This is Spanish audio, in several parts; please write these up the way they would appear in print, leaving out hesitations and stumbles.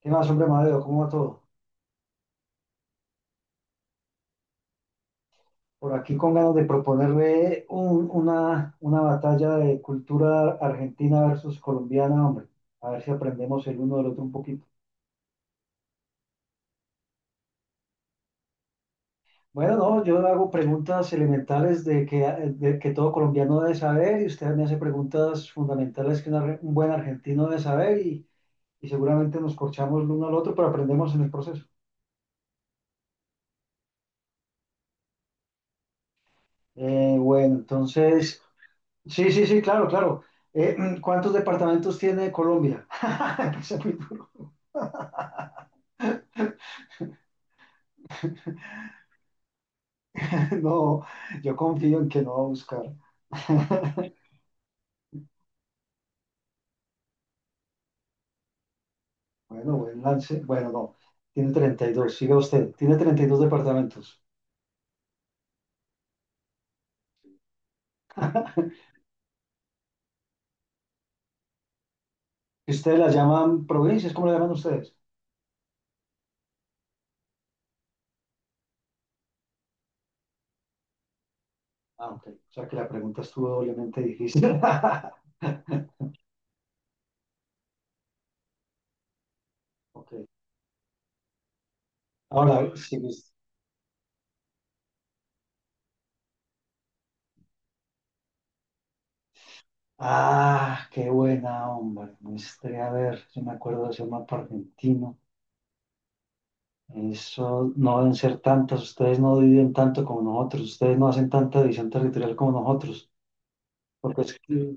¿Qué más, hombre, Madeo? ¿Cómo va todo? Por aquí con ganas de proponerle una batalla de cultura argentina versus colombiana, hombre. A ver si aprendemos el uno del otro un poquito. Bueno, no, yo le hago preguntas elementales de que todo colombiano debe saber y usted me hace preguntas fundamentales que un buen argentino debe saber y seguramente nos corchamos el uno al otro, pero aprendemos en el proceso. Bueno, entonces, sí, sí, sí, claro, claro. Eh, ¿Cuántos departamentos tiene Colombia? Esa es muy buena. No, yo confío en que no va a buscar. Bueno, buen lance. Bueno, no. Tiene treinta y dos, siga usted. Tiene 32 departamentos. ¿Y ustedes las llaman provincias? ¿Cómo las llaman ustedes? Ah, ok. O sea que la pregunta estuvo doblemente difícil. Ok. Ahora, si mis- Ah, qué buena, hombre. Me estaré a ver. Yo me acuerdo de ese mapa argentino. Eso no deben ser tantas. Ustedes no dividen tanto como nosotros. Ustedes no hacen tanta división territorial como nosotros. Porque es que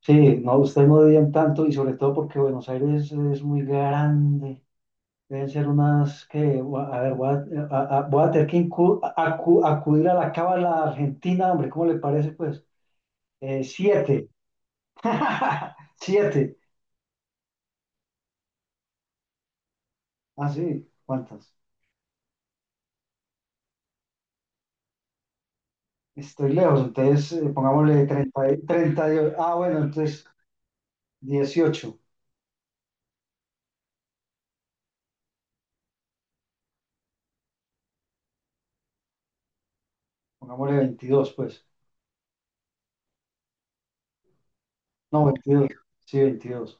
Sí, no, ustedes no debían tanto y sobre todo porque Buenos Aires es muy grande. Deben ser unas que, a ver, voy a tener que acudir a la cábala argentina, hombre, ¿cómo le parece, pues? Siete. Siete. Ah, sí, ¿cuántas? Estoy lejos, entonces pongámosle 30, 30. Ah, bueno, entonces dieciocho. Pongámosle veintidós, pues. No, veintidós. Sí, 22.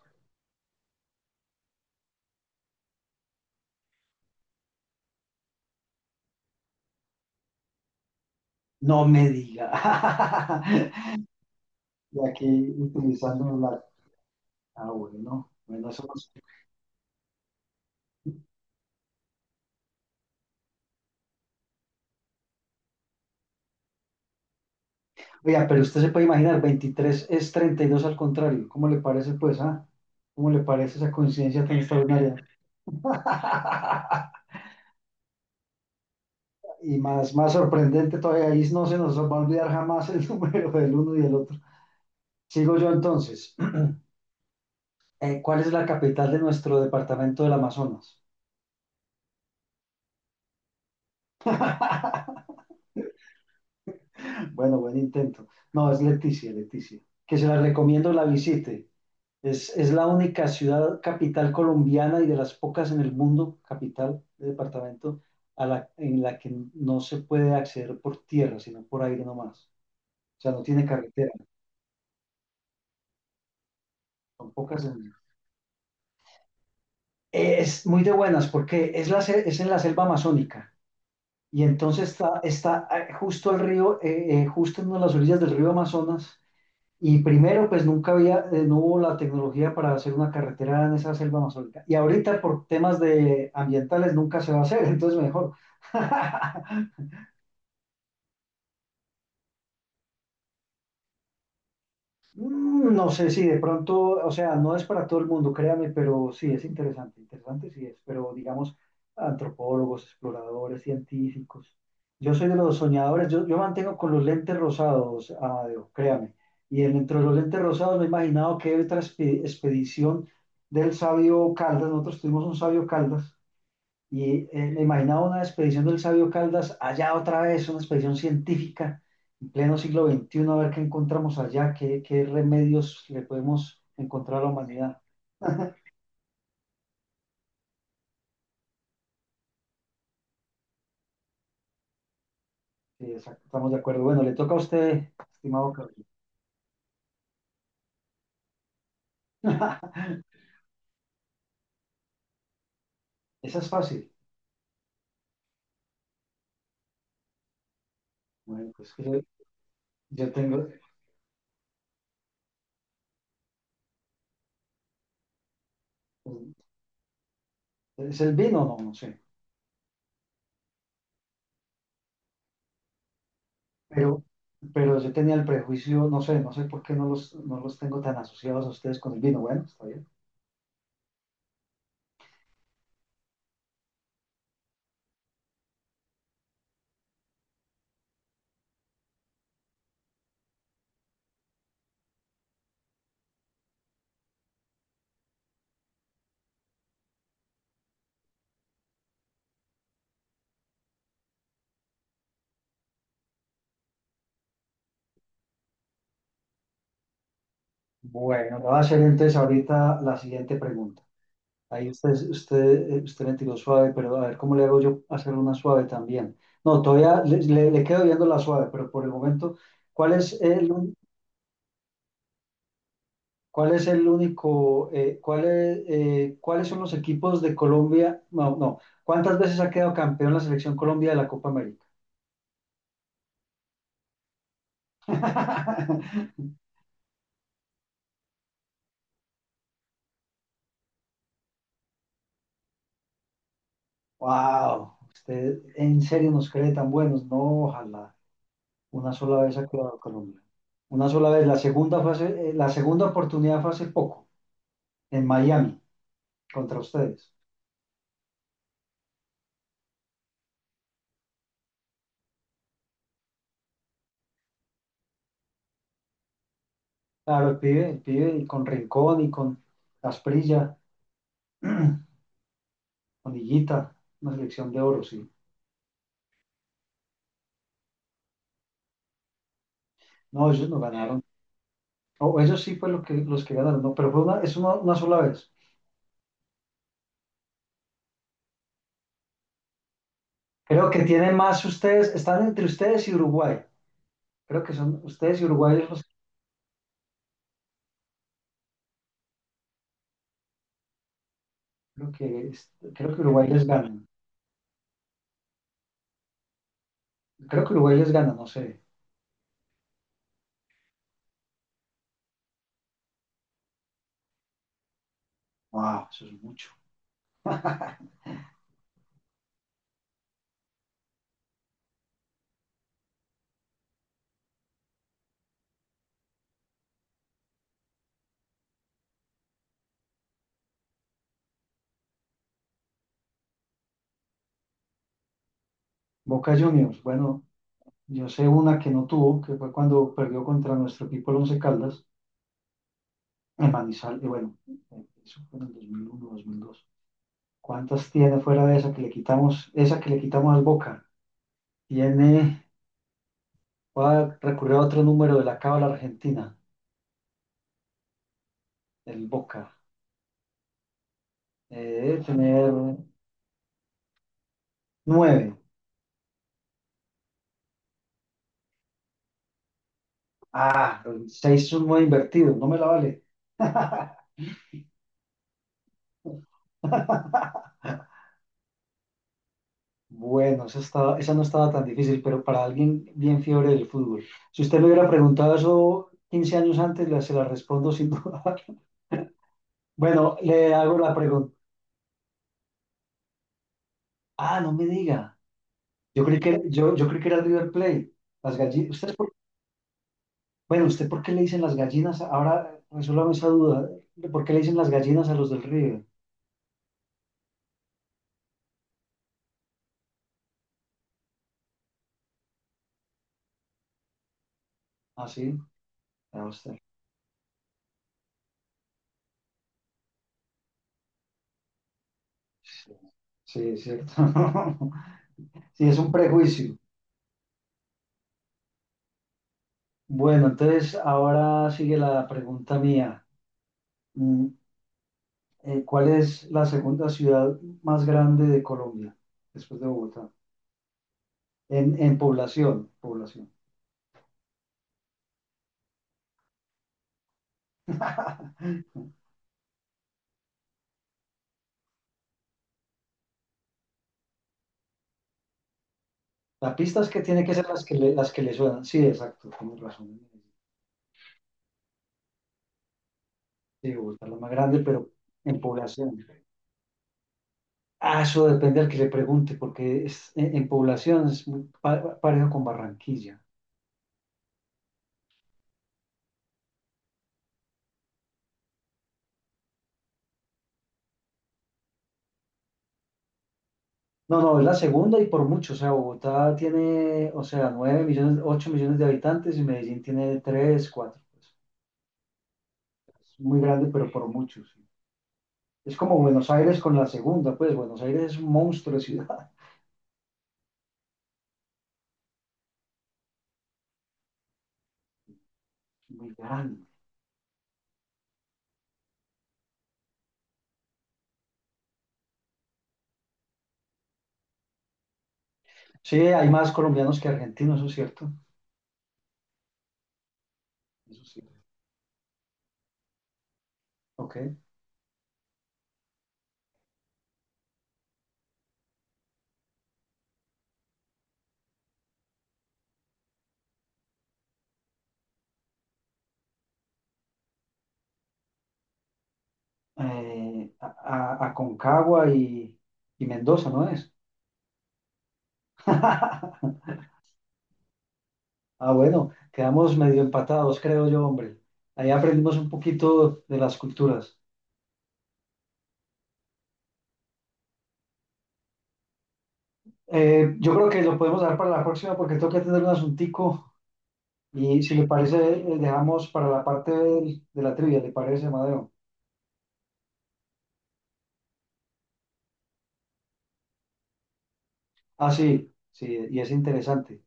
No me diga. Y aquí utilizando la Ah, bueno. Bueno, eso no sé. Oiga, pero usted se puede imaginar, 23 es 32 al contrario. ¿Cómo le parece, pues, ah? ¿Cómo le parece esa coincidencia tan extraordinaria? Y más, más sorprendente todavía, ahí no se nos va a olvidar jamás el número del uno y del otro. Sigo yo entonces. ¿Cuál es la capital de nuestro departamento del Amazonas? Bueno, buen intento. No, es Leticia, Leticia. Que se la recomiendo la visite. Es la única ciudad capital colombiana y de las pocas en el mundo, capital de departamento, en la que no se puede acceder por tierra, sino por aire nomás. O sea, no tiene carretera, son pocas en el- Es muy de buenas porque es en la selva amazónica y entonces está justo el río, justo en una de las orillas del río Amazonas. Y primero, pues nunca había, no hubo la tecnología para hacer una carretera en esa selva amazónica. Y ahorita por temas de ambientales nunca se va a hacer, entonces mejor. No sé si de pronto, o sea, no es para todo el mundo, créame, pero sí es interesante, interesante sí es, pero digamos, antropólogos, exploradores, científicos. Yo soy de los soñadores, yo mantengo con los lentes rosados, Amadeo, créame. Y dentro de los lentes rosados me he imaginado que otra expedición del sabio Caldas, nosotros tuvimos un sabio Caldas y me imaginaba una expedición del sabio Caldas allá otra vez, una expedición científica en pleno siglo veintiuno a ver qué encontramos allá, qué, qué remedios le podemos encontrar a la humanidad. Sí, exacto, estamos de acuerdo. Bueno, le toca a usted, estimado Carlos. Esa es fácil. Bueno, pues que yo tengo, ¿es el vino? No, no sé. Pero, pero yo tenía el prejuicio, no sé, no sé por qué no los, no los tengo tan asociados a ustedes con el vino. Bueno, está bien. Bueno, le voy a hacer entonces ahorita la siguiente pregunta. Ahí usted me tiró suave, pero a ver cómo le hago yo hacer una suave también. No, todavía le quedo viendo la suave, pero por el momento, ¿cuál es el, un- ¿cuál es el único, cuál es, cuáles son los equipos de Colombia? No, no. ¿Cuántas veces ha quedado campeón la selección Colombia de la Copa América? Wow, usted en serio nos cree tan buenos. No, ojalá. Una sola vez ha quedado Colombia. Una sola vez. La segunda oportunidad fue hace poco, en Miami contra ustedes. Claro, el pibe y con Rincón y con Asprilla, con Higuita, una selección de oro, sí. No, ellos no ganaron. O ellos sí fue lo que, los que ganaron, no, pero fue una, es una sola vez. Creo que tienen más ustedes, están entre ustedes y Uruguay. Creo que son ustedes y Uruguay los creo que Uruguay les gana. Creo que Uruguay les gana, no sé. Wow, eso es mucho. Boca Juniors, bueno, yo sé una que no tuvo, que fue cuando perdió contra nuestro equipo el Once Caldas, en Manizal, y bueno, eso fue en el 2001, 2002. ¿Cuántas tiene fuera de esa que le quitamos, esa que le quitamos al Boca? Tiene, voy a recurrir a otro número de la cábala argentina, el Boca. Debe tener nueve. Ah, seis es un nueve invertido, no me la vale. Bueno, esa no estaba tan difícil, pero para alguien bien fiebre del fútbol. Si usted le hubiera preguntado eso 15 años antes, se la respondo sin duda. Bueno, le hago la pregunta. Ah, no me diga. Yo creí que era River Plate. Las gallinas, ¿ustedes por- bueno, ¿usted por qué le dicen las gallinas? Ahora resuélvame esa duda. ¿Por qué le dicen las gallinas a los del River? Ah, sí, a usted. Sí, sí, es cierto. Sí, es un prejuicio. Bueno, entonces ahora sigue la pregunta mía. Mm, ¿Cuál es la segunda ciudad más grande de Colombia, después de Bogotá? En población, población. La pista es que tiene que ser las que le suenan. Sí, exacto, tienes razón. Sí, Bogotá es la más grande, pero en población. Ah, eso depende del que le pregunte, porque es, en población es muy parejo con Barranquilla. No, no, es la segunda y por mucho. O sea, Bogotá tiene, o sea, 9 millones, 8 millones de habitantes y Medellín tiene 3, 4. Pues, es muy grande, pero por mucho, sí. Es como Buenos Aires con la segunda, pues Buenos Aires es un monstruo de ciudad, muy grande. Sí, hay más colombianos que argentinos, eso es cierto. Eso sí. Ok. Eh, a, Aconcagua y Mendoza, ¿no es? Ah, bueno, quedamos medio empatados, creo yo, hombre. Ahí aprendimos un poquito de las culturas. Yo creo que lo podemos dar para la próxima porque tengo que atender un asuntico y si le parece, dejamos para de, la trivia, ¿le parece, Amadeo? Ah, sí, sí, y es interesante.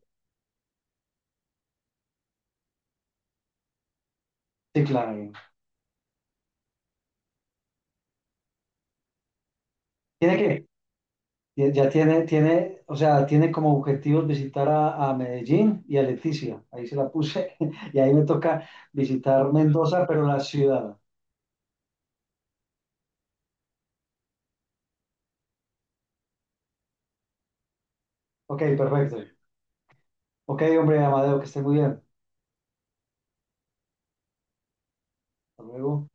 Sí, claro. Tiene que, ya tiene, tiene, o sea, tiene como objetivos visitar a Medellín y a Leticia. Ahí se la puse. Y ahí me toca visitar Mendoza, pero la ciudad. Ok, perfecto. Ok, hombre, Amadeo, que esté muy bien. Hasta luego.